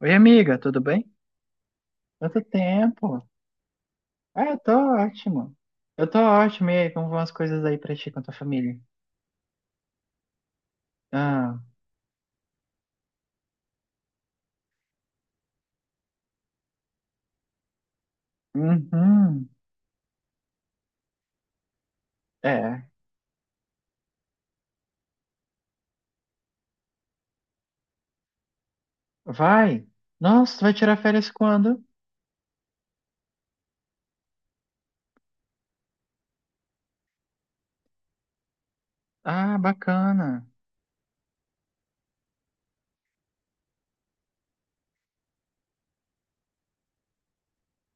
Oi, amiga, tudo bem? Quanto tempo? Ah, eu tô ótimo. Eu tô ótimo. E aí, como vão as coisas aí pra ti com a tua família? Ah, uhum. É, vai. Nossa, tu vai tirar férias quando? Ah, bacana.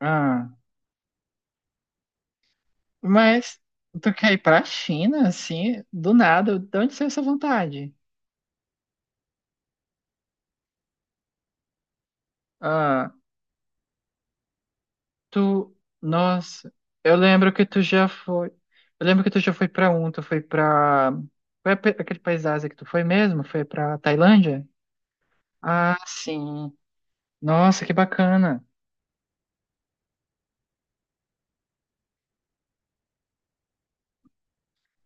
Ah, mas tu quer ir pra China, assim, do nada? De onde saiu essa vontade? Ah, Tu, nossa, eu lembro que tu já foi. Eu lembro que tu já foi pra um, tu foi pra. Foi aquele país da Ásia que tu foi mesmo? Foi pra Tailândia? Ah, sim. Nossa, que bacana.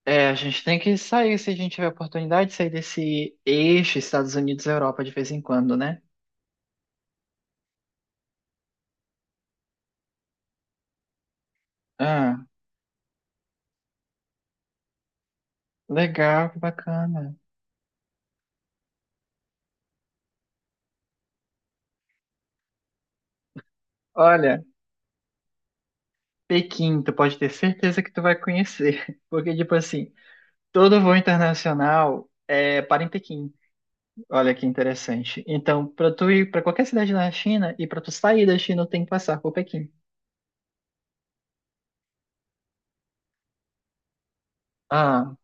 É, a gente tem que sair se a gente tiver oportunidade de sair desse eixo Estados Unidos-Europa de vez em quando, né? Ah, legal, que bacana. Olha, Pequim, tu pode ter certeza que tu vai conhecer, porque, tipo assim, todo voo internacional é para em Pequim. Olha que interessante. Então, para tu ir para qualquer cidade na China e para tu sair da China, tem que passar por Pequim. Ah,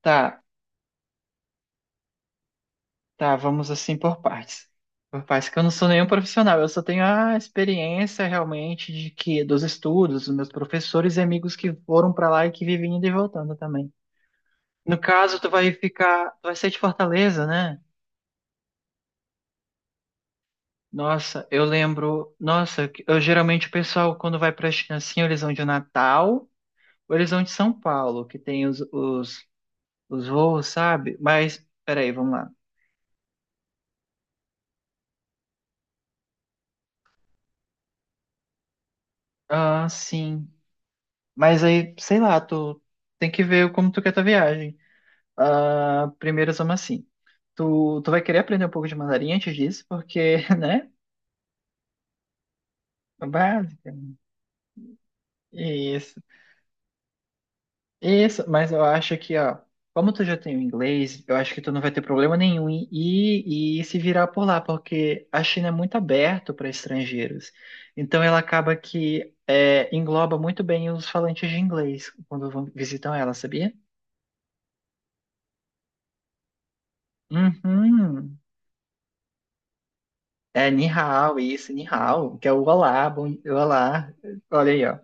tá, tá, vamos assim por partes. Por partes que eu não sou nenhum profissional, eu só tenho a experiência realmente de que dos estudos, dos meus professores e amigos que foram para lá e que vivem indo e voltando também. No caso, tu vai ficar, tu vai ser de Fortaleza, né? Nossa, eu lembro, nossa, eu geralmente o pessoal quando vai para a China assim, ou eles vão de Natal, ou eles vão de São Paulo, que tem os voos, sabe? Mas, peraí, vamos lá. Ah, sim. Mas aí, sei lá, tu tem que ver como tu quer tua viagem. Ah, primeiro, vamos assim. Tu vai querer aprender um pouco de mandarim antes disso, porque, né? É básica. isso Isso, mas eu acho que, ó, como tu já tem o inglês, eu acho que tu não vai ter problema nenhum em ir e se virar por lá, porque a China é muito aberta para estrangeiros. Então ela acaba que é, engloba muito bem os falantes de inglês quando vão, visitam ela, sabia? Uhum. É ni hao, isso, ni hao, que é o olá, bom, olá. Olha aí, ó.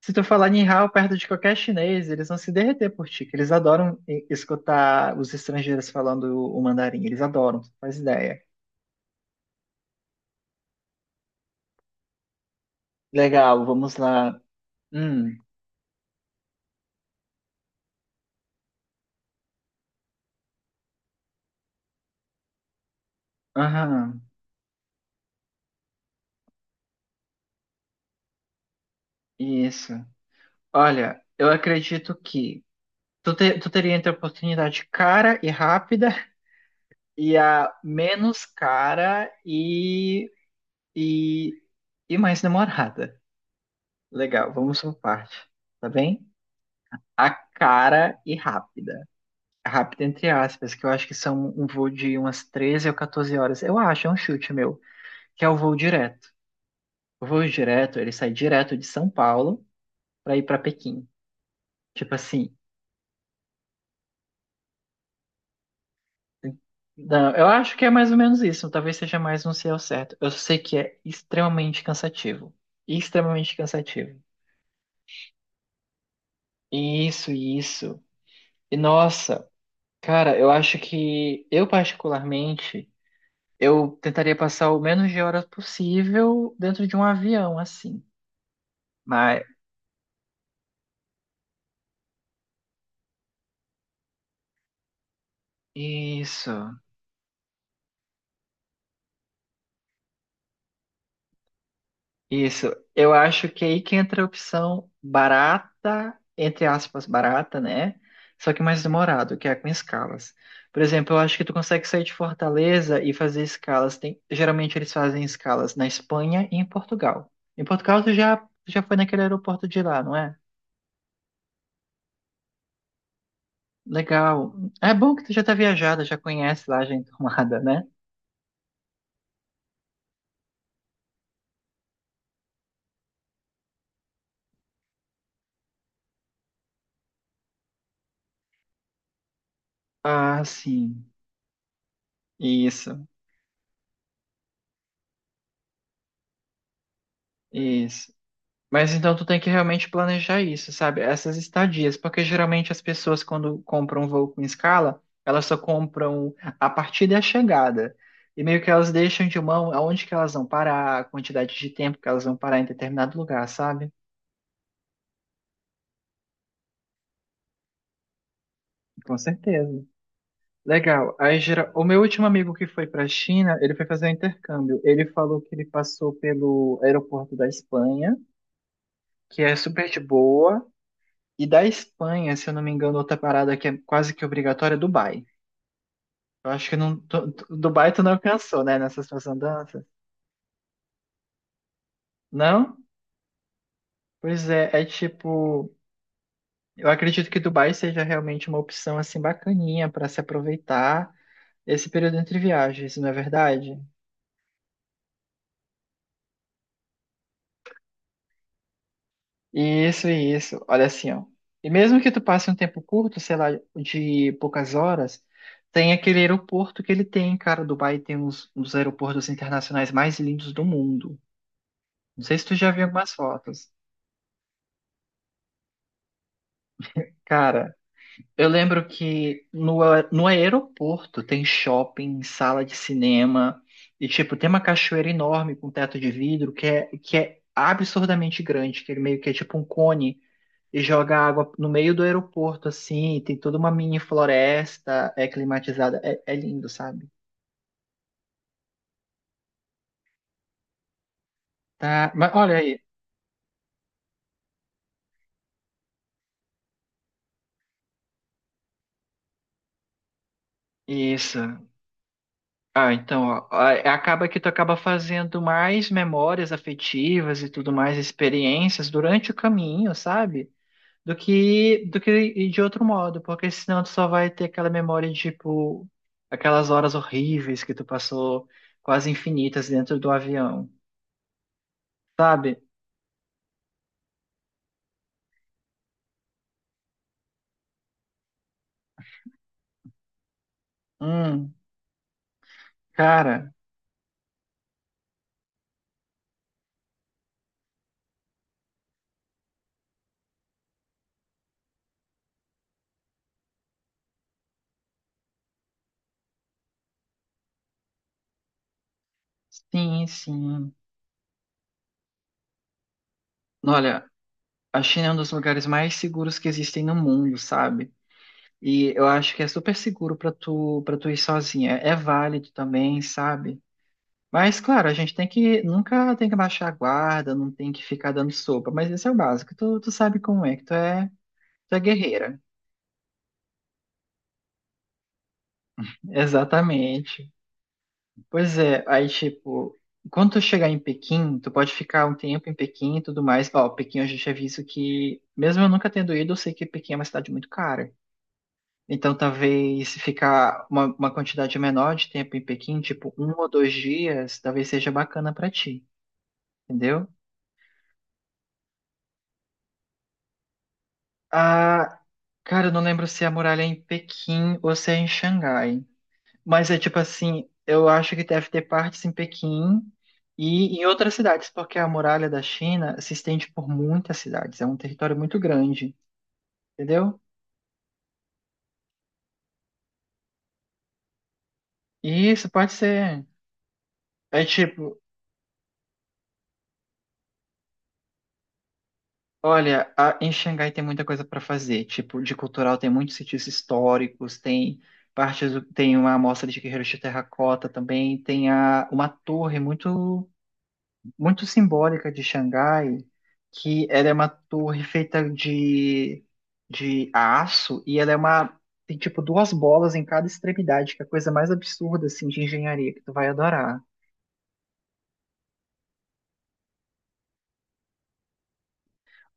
Se tu falar Ni Hao perto de qualquer chinês, eles vão se derreter por ti, que eles adoram escutar os estrangeiros falando o mandarim. Eles adoram, tu faz ideia. Legal, vamos lá. Hum, aham, isso. Olha, eu acredito que tu teria entre a oportunidade cara e rápida e a menos cara e, e mais demorada. Legal, vamos por parte, tá bem? A cara e rápida. Rápido, entre aspas, que eu acho que são um voo de umas 13 ou 14 horas. Eu acho, é um chute meu, que é o voo direto. O voo direto, ele sai direto de São Paulo para ir para Pequim. Tipo assim, não, eu acho que é mais ou menos isso, talvez seja mais um sei ao certo. Eu sei que é extremamente cansativo. Extremamente cansativo. Isso, isso. E nossa, cara, eu acho que eu particularmente, eu tentaria passar o menos de horas possível dentro de um avião, assim. Isso, isso. Eu acho que é aí que entra a opção barata, entre aspas, barata, né? Só que mais demorado, que é com escalas. Por exemplo, eu acho que tu consegue sair de Fortaleza e fazer escalas. Tem, geralmente eles fazem escalas na Espanha e em Portugal. Em Portugal tu já foi naquele aeroporto de lá, não é? Legal. É bom que tu já tá viajada, já conhece lá, já é enturmada, né? Ah, sim. Isso, isso. Mas então tu tem que realmente planejar isso, sabe? Essas estadias, porque geralmente as pessoas quando compram um voo com escala, elas só compram a partida e a chegada. E meio que elas deixam de mão aonde que elas vão parar, a quantidade de tempo que elas vão parar em determinado lugar, sabe? Com certeza. Legal. Aí gera... O meu último amigo que foi para a China, ele foi fazer um intercâmbio. Ele falou que ele passou pelo aeroporto da Espanha, que é super de boa. E da Espanha, se eu não me engano, outra parada que é quase que obrigatória é Dubai. Eu acho que não, Dubai tu não alcançou, né, nessas tuas andanças? Não? Pois é, é tipo, eu acredito que Dubai seja realmente uma opção assim bacaninha para se aproveitar esse período entre viagens, não é verdade? Isso, isso. Olha assim, ó. E mesmo que tu passe um tempo curto, sei lá, de poucas horas, tem aquele aeroporto que ele tem, cara. Dubai tem uns aeroportos internacionais mais lindos do mundo. Não sei se tu já viu algumas fotos. Cara, eu lembro que no aeroporto tem shopping, sala de cinema, e tipo, tem uma cachoeira enorme com teto de vidro que é absurdamente grande, que ele meio que é tipo um cone e joga água no meio do aeroporto, assim, e tem toda uma mini floresta, é climatizada, é, é lindo, sabe? Tá, mas olha aí, isso. Ah, então, ó, acaba que tu acaba fazendo mais memórias afetivas e tudo mais, experiências durante o caminho, sabe, do que ir de outro modo, porque senão tu só vai ter aquela memória de tipo aquelas horas horríveis que tu passou quase infinitas dentro do avião, sabe? Hum, cara, sim, sim. Olha, a China é um dos lugares mais seguros que existem no mundo, sabe? E eu acho que é super seguro pra tu para tu ir sozinha. É válido também, sabe? Mas claro, a gente tem que nunca tem que baixar a guarda, não tem que ficar dando sopa, mas esse é o básico. Tu, tu sabe como é, que tu é. Tu é guerreira. Exatamente. Pois é, aí tipo, quando tu chegar em Pequim, tu pode ficar um tempo em Pequim e tudo mais. Ó, Pequim eu já tinha visto que, mesmo eu nunca tendo ido, eu sei que Pequim é uma cidade muito cara. Então talvez se ficar uma quantidade menor de tempo em Pequim, tipo um ou dois dias, talvez seja bacana pra ti, entendeu? Ah, cara, eu não lembro se a muralha é em Pequim ou se é em Xangai. Mas é tipo assim, eu acho que deve ter partes em Pequim e em outras cidades, porque a muralha da China se estende por muitas cidades, é um território muito grande, entendeu? E isso pode ser. É tipo, olha, em Xangai tem muita coisa para fazer, tipo, de cultural tem muitos sítios históricos, tem partes, tem uma amostra de guerreiros de terracota também, tem uma torre muito muito simbólica de Xangai, que ela é uma torre feita de aço e ela é uma. Tem tipo duas bolas em cada extremidade, que é a coisa mais absurda assim de engenharia que tu vai adorar.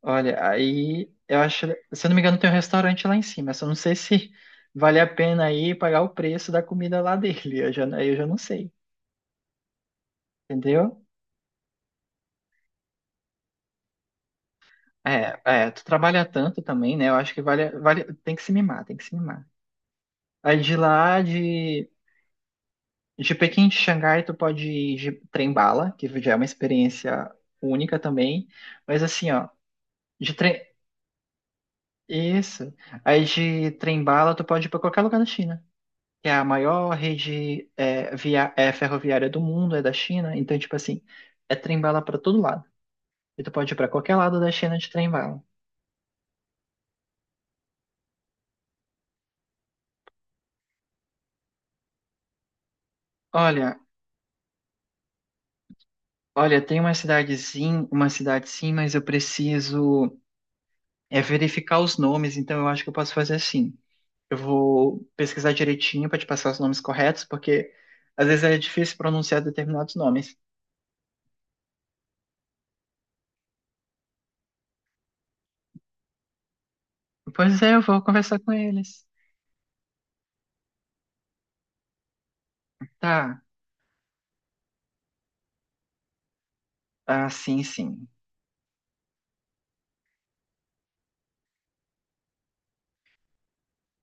Olha, aí eu acho, se eu não me engano, tem um restaurante lá em cima, só não sei se vale a pena aí pagar o preço da comida lá dele. Eu já, aí eu já não sei, entendeu? É, é, tu trabalha tanto também, né? Eu acho que vale, vale, tem que se mimar, tem que se mimar. Aí de lá, de. De Pequim de Xangai, tu pode ir de trem-bala, que já é uma experiência única também. Mas assim, ó, de trem. Isso. Aí de trem-bala, tu pode ir pra qualquer lugar da China, que é a maior rede ferroviária do mundo, é da China. Então, tipo assim, é trem-bala pra todo lado. E tu pode ir pra qualquer lado da China de trem-bala. Olha, olha, tem uma cidadezinha, uma cidade sim, mas eu preciso é verificar os nomes, então eu acho que eu posso fazer assim. Eu vou pesquisar direitinho para te passar os nomes corretos, porque às vezes é difícil pronunciar determinados nomes. Pois é, eu vou conversar com eles. Tá. Ah, sim, sim.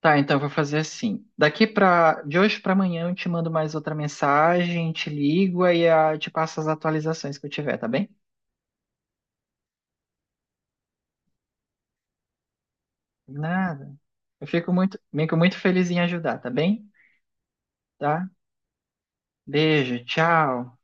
Tá, então eu vou fazer assim. Daqui para de hoje para amanhã eu te mando mais outra mensagem, te ligo aí te passo as atualizações que eu tiver, tá bem? Nada. Eu fico muito feliz em ajudar, tá bem? Tá? Beijo, tchau.